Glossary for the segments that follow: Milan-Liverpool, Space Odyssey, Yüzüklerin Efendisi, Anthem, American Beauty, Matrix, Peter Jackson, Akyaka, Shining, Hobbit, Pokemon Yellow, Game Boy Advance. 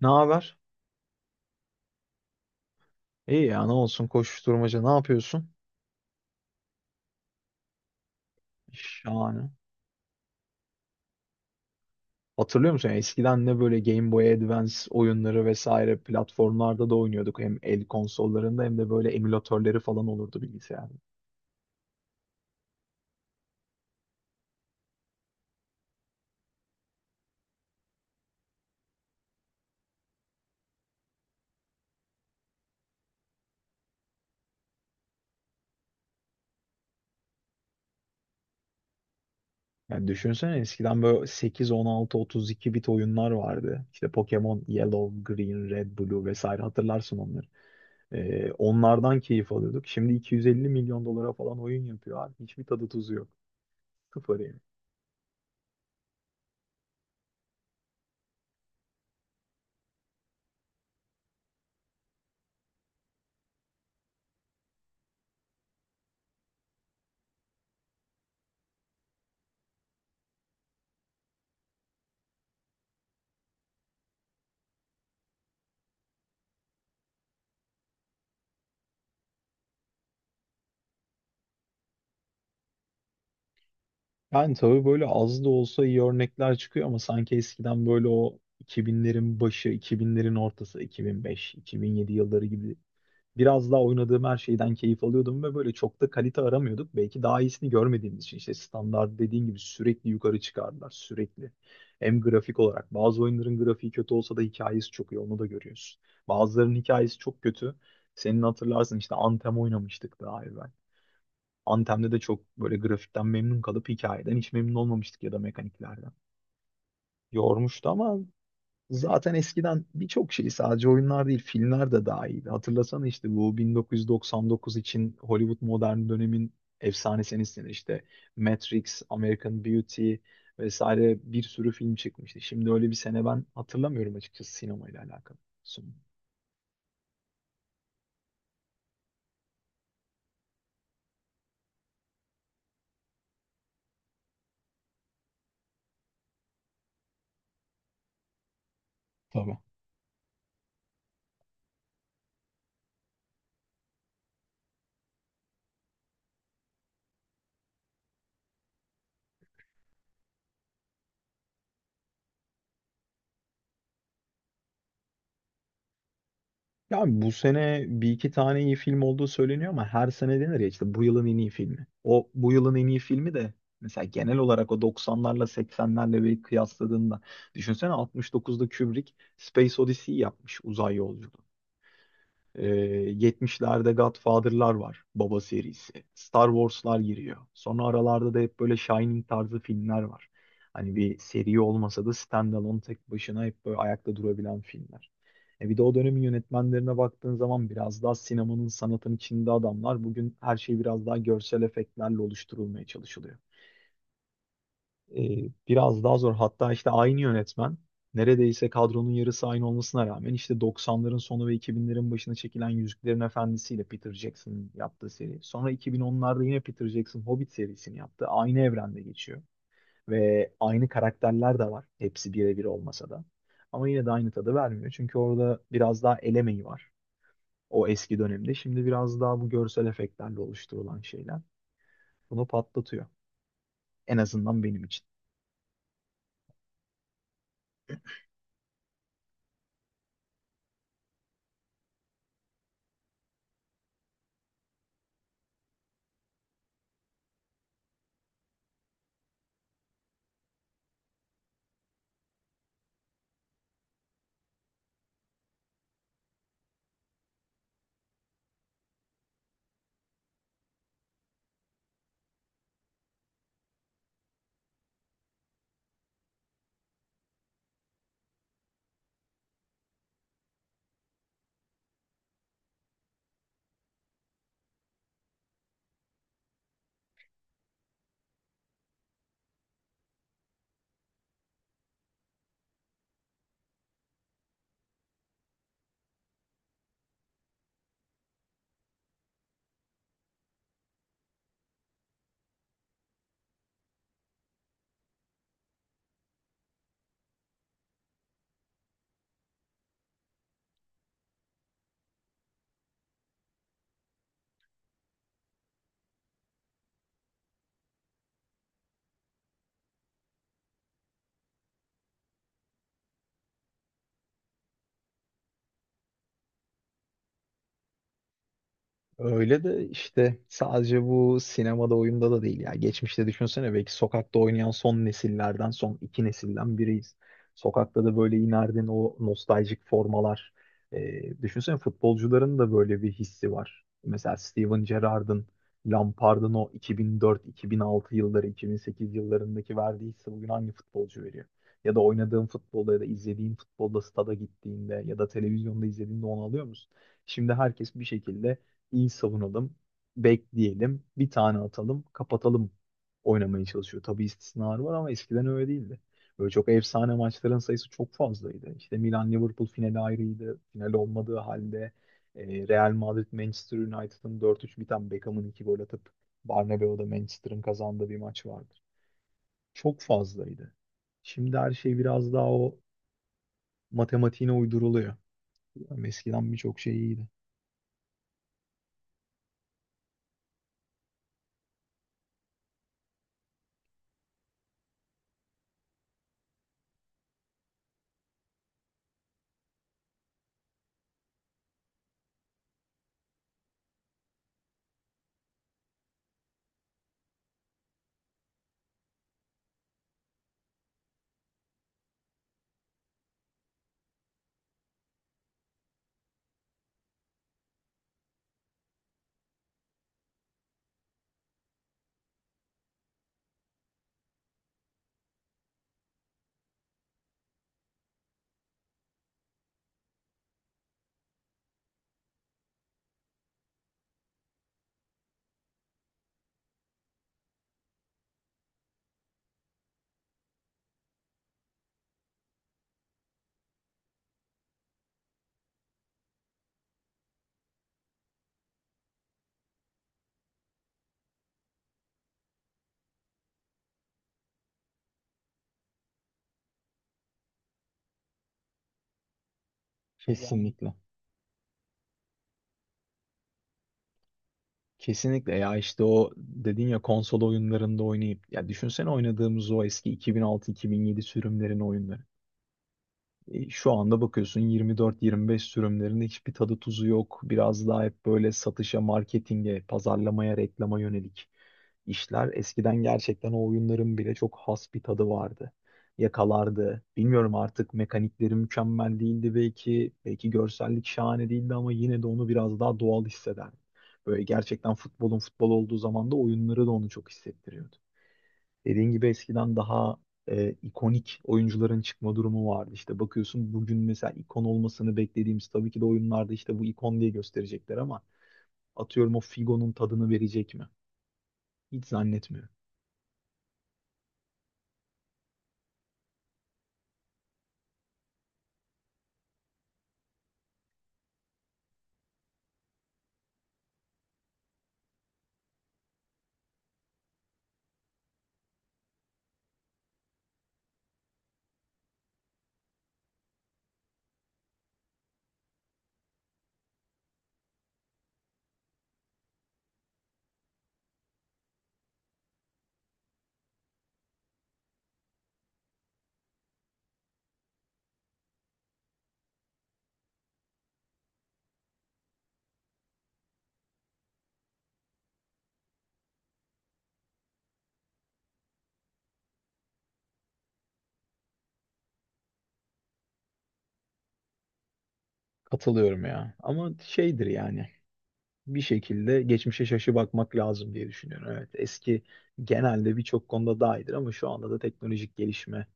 Ne haber? İyi ya ne olsun koşuşturmaca ne yapıyorsun? Şahane. Hatırlıyor musun? Eskiden ne böyle Game Boy Advance oyunları vesaire platformlarda da oynuyorduk. Hem el konsollarında hem de böyle emülatörleri falan olurdu bilgisayarda. Yani düşünsene eskiden böyle 8, 16, 32 bit oyunlar vardı. İşte Pokemon Yellow, Green, Red, Blue vesaire hatırlarsın onları. Onlardan keyif alıyorduk. Şimdi 250 milyon dolara falan oyun yapıyor abi. Hiçbir tadı tuzu yok. Sıfır yani. Yani tabii böyle az da olsa iyi örnekler çıkıyor ama sanki eskiden böyle o 2000'lerin başı, 2000'lerin ortası, 2005, 2007 yılları gibi biraz daha oynadığım her şeyden keyif alıyordum ve böyle çok da kalite aramıyorduk. Belki daha iyisini görmediğimiz için işte standart dediğin gibi sürekli yukarı çıkardılar sürekli. Hem grafik olarak bazı oyunların grafiği kötü olsa da hikayesi çok iyi onu da görüyorsun. Bazılarının hikayesi çok kötü. Senin hatırlarsın işte Anthem oynamıştık daha evvel. Antem'de de çok böyle grafikten memnun kalıp hikayeden hiç memnun olmamıştık ya da mekaniklerden. Yormuştu ama zaten eskiden birçok şey sadece oyunlar değil filmler de dahildi. Hatırlasana işte bu 1999 için Hollywood modern dönemin efsanesi senesi işte Matrix, American Beauty vesaire bir sürü film çıkmıştı. Şimdi öyle bir sene ben hatırlamıyorum açıkçası sinemayla alakalı. Son. Tabii. Ya abi bu sene bir iki tane iyi film olduğu söyleniyor ama her sene denir ya işte bu yılın en iyi filmi. O bu yılın en iyi filmi de mesela genel olarak o doksanlarla seksenlerle bir kıyasladığında düşünsene 69'da Kubrick Space Odyssey yapmış uzay yolculuğu. Ee, 70'lerde Godfather'lar var. Baba serisi. Star Wars'lar giriyor. Sonra aralarda da hep böyle Shining tarzı filmler var. Hani bir seri olmasa da standalone tek başına hep böyle ayakta durabilen filmler. E bir de o dönemin yönetmenlerine baktığın zaman biraz daha sinemanın sanatın içinde adamlar. Bugün her şey biraz daha görsel efektlerle oluşturulmaya çalışılıyor. Biraz daha zor. Hatta işte aynı yönetmen neredeyse kadronun yarısı aynı olmasına rağmen işte 90'ların sonu ve 2000'lerin başına çekilen Yüzüklerin Efendisi ile Peter Jackson'ın yaptığı seri. Sonra 2010'larda yine Peter Jackson Hobbit serisini yaptı. Aynı evrende geçiyor. Ve aynı karakterler de var. Hepsi birebir olmasa da. Ama yine de aynı tadı vermiyor. Çünkü orada biraz daha el emeği var. O eski dönemde. Şimdi biraz daha bu görsel efektlerle oluşturulan şeyler. Bunu patlatıyor. En azından benim için. Öyle de işte sadece bu sinemada oyunda da değil ya. Geçmişte düşünsene belki sokakta oynayan son nesillerden son iki nesilden biriyiz. Sokakta da böyle inerdin o nostaljik formalar. Düşünsene futbolcuların da böyle bir hissi var. Mesela Steven Gerrard'ın, Lampard'ın o 2004-2006 yılları, 2008 yıllarındaki verdiği hissi bugün hangi futbolcu veriyor? Ya da oynadığın futbolda ya da izlediğin futbolda stada gittiğinde ya da televizyonda izlediğinde onu alıyor musun? Şimdi herkes bir şekilde iyi savunalım, bekleyelim, bir tane atalım, kapatalım oynamaya çalışıyor. Tabii istisnalar var ama eskiden öyle değildi. Böyle çok efsane maçların sayısı çok fazlaydı. İşte Milan-Liverpool finali ayrıydı. Final olmadığı halde Real Madrid-Manchester United'ın 4-3 biten Beckham'ın 2 gol atıp Bernabeu'da Manchester'ın kazandığı bir maç vardır. Çok fazlaydı. Şimdi her şey biraz daha o matematiğine uyduruluyor. Yani eskiden birçok şey iyiydi. Yani. Kesinlikle. Kesinlikle ya işte o dedin ya konsol oyunlarında oynayıp ya düşünsene oynadığımız o eski 2006-2007 sürümlerin oyunları. Şu anda bakıyorsun 24-25 sürümlerinde hiçbir tadı tuzu yok. Biraz daha hep böyle satışa, marketinge, pazarlamaya, reklama yönelik işler. Eskiden gerçekten o oyunların bile çok has bir tadı vardı. Yakalardı. Bilmiyorum artık mekanikleri mükemmel değildi belki. Belki görsellik şahane değildi ama yine de onu biraz daha doğal hissederdim. Böyle gerçekten futbolun futbol olduğu zaman da oyunları da onu çok hissettiriyordu. Dediğin gibi eskiden daha ikonik oyuncuların çıkma durumu vardı. İşte bakıyorsun bugün mesela ikon olmasını beklediğimiz tabii ki de oyunlarda işte bu ikon diye gösterecekler ama atıyorum o Figo'nun tadını verecek mi? Hiç zannetmiyorum. Katılıyorum ya. Ama şeydir yani bir şekilde geçmişe şaşı bakmak lazım diye düşünüyorum. Evet eski genelde birçok konuda daha iyidir ama şu anda da teknolojik gelişme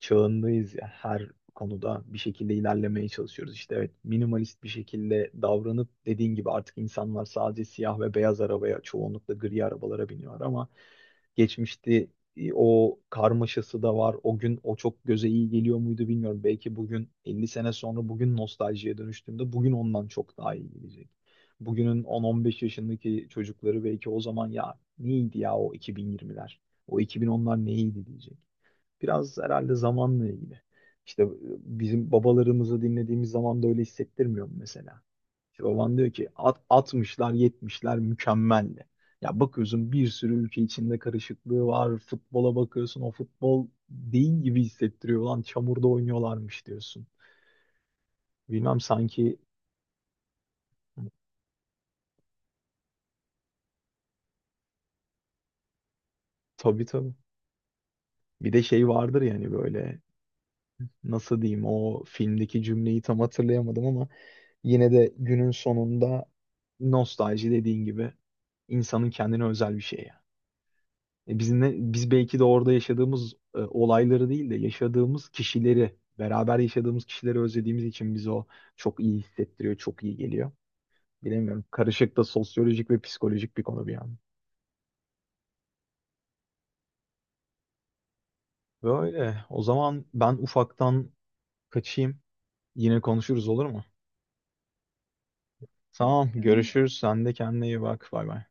çağındayız ya. Her konuda bir şekilde ilerlemeye çalışıyoruz. İşte evet minimalist bir şekilde davranıp dediğin gibi artık insanlar sadece siyah ve beyaz arabaya çoğunlukla gri arabalara biniyor ama geçmişte o karmaşası da var. O gün o çok göze iyi geliyor muydu bilmiyorum. Belki bugün 50 sene sonra bugün nostaljiye dönüştüğümde bugün ondan çok daha iyi gelecek. Bugünün 10-15 yaşındaki çocukları belki o zaman ya neydi ya o 2020'ler, o 2010'lar neydi diyecek. Biraz herhalde zamanla ilgili. İşte bizim babalarımızı dinlediğimiz zaman da öyle hissettirmiyor mu mesela? İşte baban diyor ki at, 60'lar 70'ler mükemmeldi. Ya bakıyorsun bir sürü ülke içinde karışıklığı var. Futbola bakıyorsun o futbol değil gibi hissettiriyor. Lan çamurda oynuyorlarmış diyorsun. Bilmem sanki tabii tabii. Bir de şey vardır yani böyle nasıl diyeyim o filmdeki cümleyi tam hatırlayamadım ama yine de günün sonunda nostalji dediğin gibi insanın kendine özel bir şey ya. Biz belki de orada yaşadığımız olayları değil de yaşadığımız kişileri, beraber yaşadığımız kişileri özlediğimiz için bizi o çok iyi hissettiriyor, çok iyi geliyor. Bilemiyorum. Karışık da sosyolojik ve psikolojik bir konu bir yandan. Böyle. O zaman ben ufaktan kaçayım. Yine konuşuruz olur mu? Tamam, Tamam. Görüşürüz. Sen de kendine iyi bak. Bay bay.